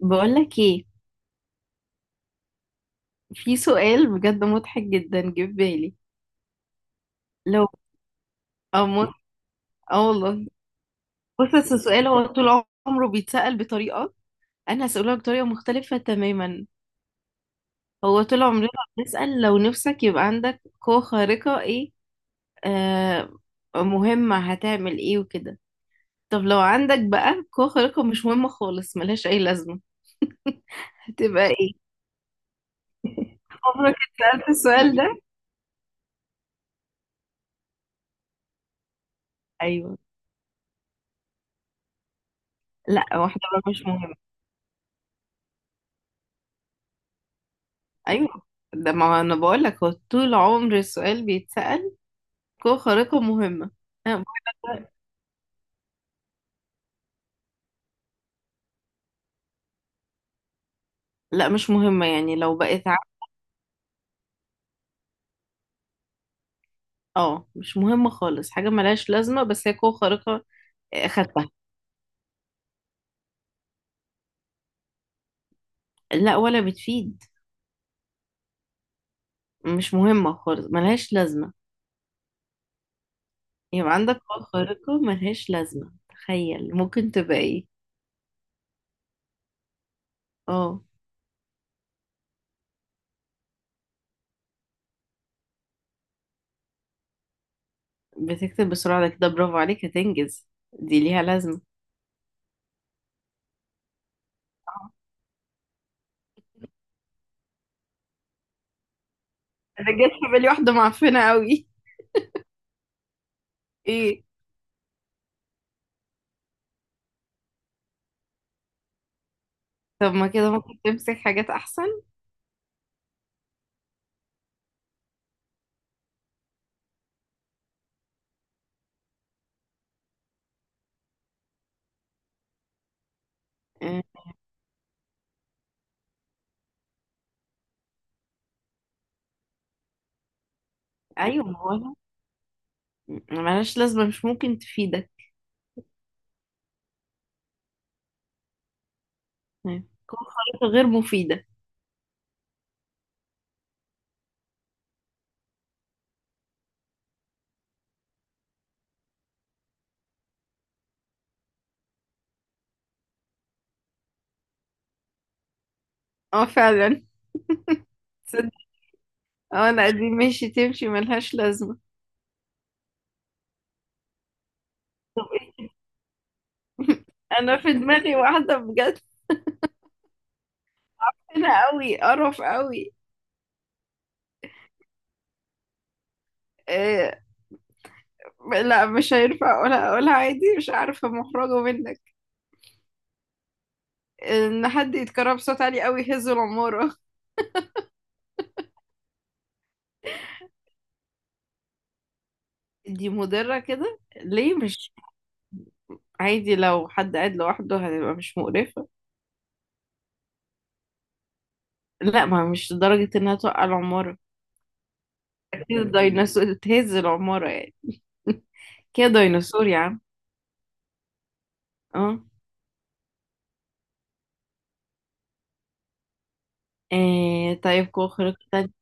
بقولك ايه؟ في سؤال بجد مضحك جدا جه في بالي. لو اه مض- آه والله. بص، بس السؤال هو طول عمره بيتسأل بطريقة. انا هسأله بطريقة مختلفة تماما. هو طول عمرنا بنسأل، لو نفسك يبقى عندك قوة خارقة ايه آه مهمة، هتعمل ايه وكده؟ طب لو عندك بقى قوة خارقة مش مهمة خالص، ملهاش اي لازمة، هتبقى ايه؟ عمرك اتسألت السؤال ده؟ ايوه. لا، واحدة بقى مش مهمة. ايوه. ده ما انا بقول لك، هو طول عمر السؤال بيتسأل قوة خارقة مهمة. أنا بقول لك، لا مش مهمة. يعني لو بقت مش مهمة خالص، حاجة ملهاش لازمة، بس هي قوة خارقة. آه، خدتها. لا ولا بتفيد. مش مهمة خالص ملهاش لازمة. يبقى عندك قوة خارقة ملهاش لازمة، تخيل ممكن تبقى ايه؟ اه. بتكتب بسرعة ده كده برافو عليك، هتنجز. دي ليها لازمة. آه، انا جت في بالي واحدة معفنة قوي. ايه. طب ما كده ممكن تمسك حاجات احسن. آه، ايوه، ما هو ملهاش لازمه، مش ممكن تفيدك. يعني تكون خريطه غير مفيده. اه فعلا. تصدق. اه، لا دي ماشي تمشي ملهاش لازمه. طب انا في دماغي واحده بجد، هنا قوي قرف قوي. آه لا، مش هينفع اقولها. اقولها عادي، مش عارفه مخرجه منك. ان حد يتكرر بصوت عالي قوي يهز العماره. دي مضره، كده ليه؟ مش. عادي لو حد قاعد لوحده هتبقى مش مقرفه. لا، ما مش لدرجه انها توقع العماره. كده ديناصور تهز العمارة يعني. كده ديناصور يا عم. اه. آه، طيب قوة خارقة تانية.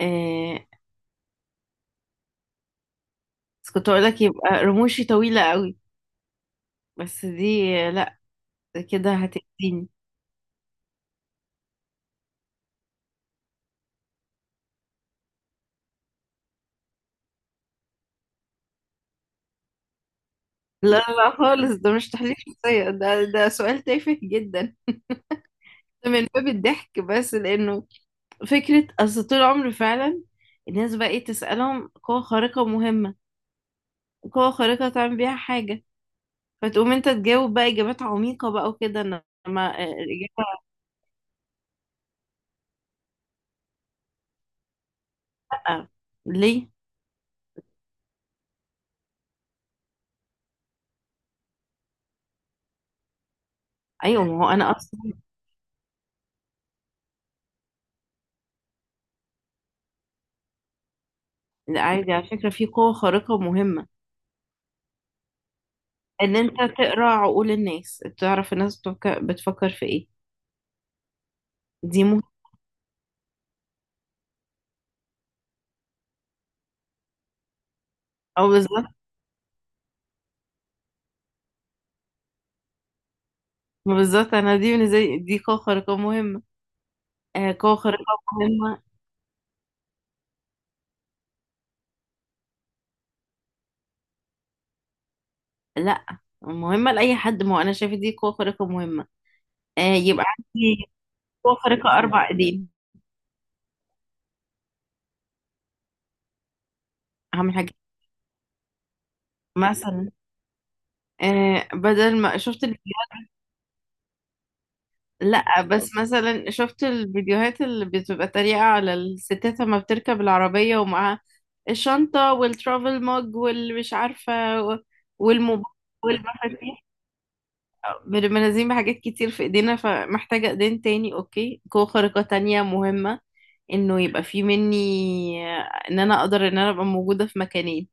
آه، بس كنت اقول لك يبقى رموشي طويلة قوي. بس دي لا، ده كده هتأذيني. لا لا خالص، ده مش تحليل شخصية، ده سؤال تافه جدا. ده من باب الضحك بس، لأنه فكرة. أصل طول عمري فعلا الناس بقى ايه تسألهم، قوة خارقة مهمة، قوة خارقة تعمل بيها حاجة، فتقوم انت تجاوب بقى إجابات عميقة بقى وكده، انما الإجابة آه. ليه؟ ايوه ما هو انا اصلا. لا، عادي على فكره في قوه خارقه مهمه. ان انت تقرا عقول الناس، تعرف الناس بتفكر في ايه. دي مهمه. او بالظبط. ما بالظبط انا، دي بالنسبه لي دي قوه خارقه مهمه. آه قوه خارقه مهمه. لا، مهمه لاي حد، ما هو انا شايفه دي قوه خارقه مهمه. آه يبقى عندي قوه خارقه اربع ايدين. اهم حاجه، مثلا بدل ما شفت. لا، بس مثلا شفت الفيديوهات اللي بتبقى تريقة على الستات لما بتركب العربية ومعاها الشنطة والترافل موج والمش عارفة والموبايل والمفاتيح. بنبقى نازلين بحاجات كتير في ايدينا، فمحتاجة ايدين تاني. اوكي، قوة خارقة تانية مهمة، انه يبقى في مني. ان انا اقدر ان انا ابقى موجودة في مكانين.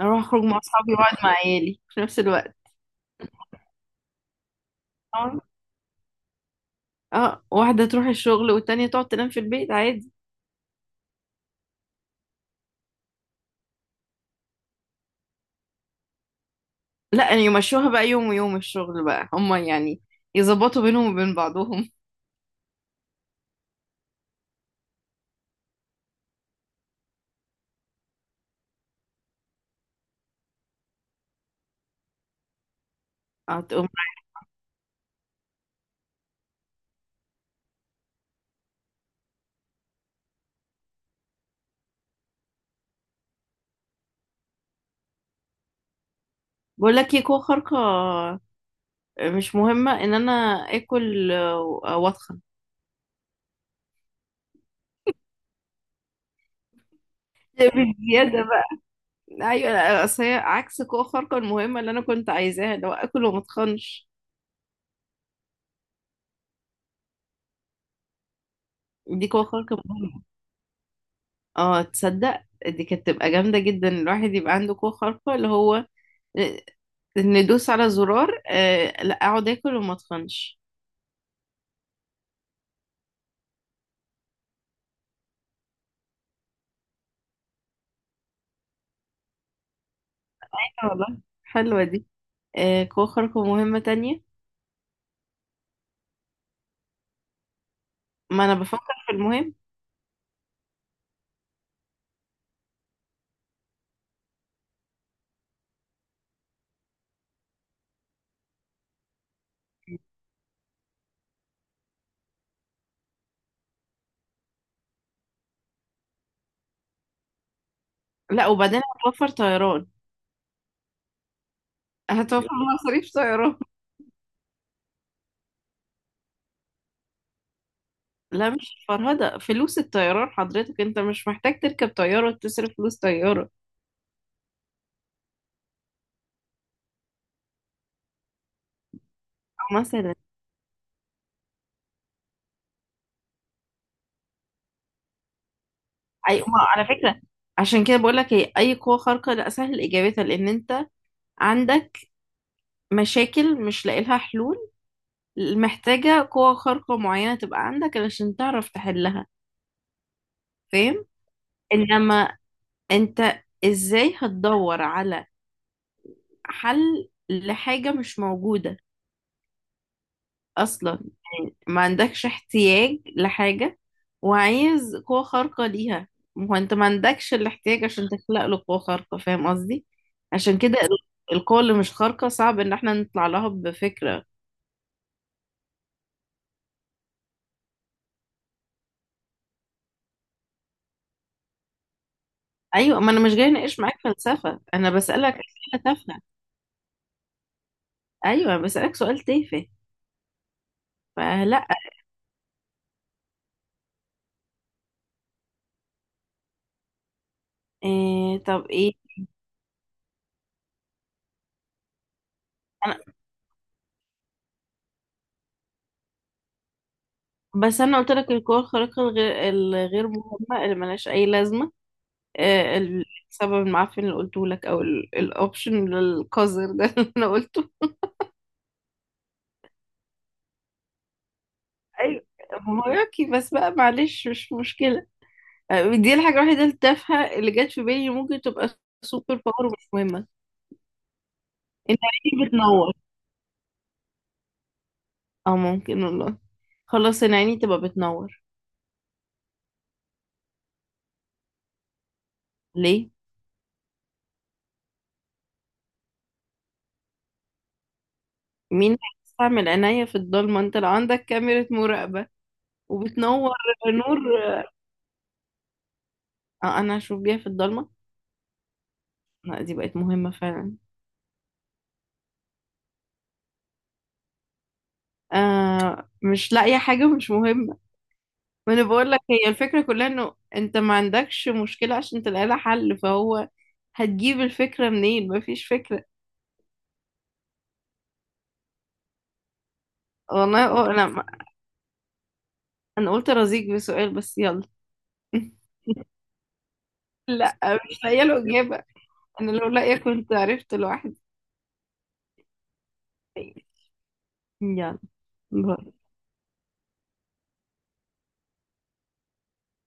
اروح اخرج مع اصحابي واقعد مع عيالي في نفس الوقت. اه. آه، واحدة تروح الشغل والتانية تقعد تنام في البيت عادي. لا يعني يمشوها بقى يوم ويوم الشغل بقى، هما يعني يظبطوا بينهم وبين بعضهم. هتقوم. بقول لك ايه، قوة خارقة مش مهمة، ان انا اكل واتخن. بزيادة بقى. ايوه، اصل هي عكس قوة خارقة المهمة اللي انا كنت عايزاها، اللي هو اكل وما اتخنش. دي قوة خارقة مهمة. اه تصدق دي كانت تبقى جامدة جدا، الواحد يبقى عنده قوة خارقة اللي هو آه، ندوس على زرار. لا اقعد اكل وما اتخنش. حلوة والله، حلوة دي. آه، كوخرك ومهمة تانية. ما أنا بفكر في المهم. لا وبعدين هتوفر طيران. هتوفر مصاريف طيران. لا مش فرهدة، فلوس الطيران حضرتك، أنت مش محتاج تركب طيارة وتصرف فلوس طيارة. مثلا. أي ما على فكرة، عشان كده بقول لك، هي أي قوة خارقة لا سهل إجابتها، لأن أنت عندك مشاكل مش لاقي لها حلول، محتاجة قوة خارقة معينة تبقى عندك علشان تعرف تحلها. فاهم. إنما أنت ازاي هتدور على حل لحاجة مش موجودة أصلا؟ يعني ما عندكش احتياج لحاجة وعايز قوة خارقة ليها، ما هو أنت ما عندكش الاحتياج عشان تخلق له قوة خارقة، فاهم قصدي؟ عشان كده القوة اللي مش خارقة صعب إن احنا نطلع لها بفكرة. أيوة ما أنا مش جاي أناقش معاك فلسفة، أنا بسألك أسئلة تافهة. أيوة بسألك سؤال تافه فلا. إيه طب إيه. أنا، بس أنا قلت لك القوة الخارقة الغير مهمة اللي ملهاش أي لازمة. آه، السبب المعفن اللي قلته لك او الاوبشن القذر ده اللي انا قلته. ايوه. هوراكي بس بقى، معلش مش مشكله. آه، دي الحاجه الوحيده التافهه اللي جت في بالي، ممكن تبقى سوبر باور ومش مهمه. انت عيني بتنور. اه ممكن والله. خلاص انا عيني تبقى بتنور. ليه؟ مين هيستعمل عينيا في الضلمه؟ انت لو عندك كاميرا مراقبه وبتنور، نور. اه انا هشوف بيها في الضلمه. لا دي بقت مهمه فعلا. آه مش لاقيه حاجه مش مهمه. ما انا بقول لك هي الفكره كلها، انه انت ما عندكش مشكله عشان تلاقي لها حل، فهو هتجيب الفكره منين؟ ما فيش فكره. والله اه، انا ما- انا قلت ارازيك بسؤال بس، يلا. لا مش لاقيه له اجابه. انا لو لاقيه كنت عرفت لوحدي. يلا. باي.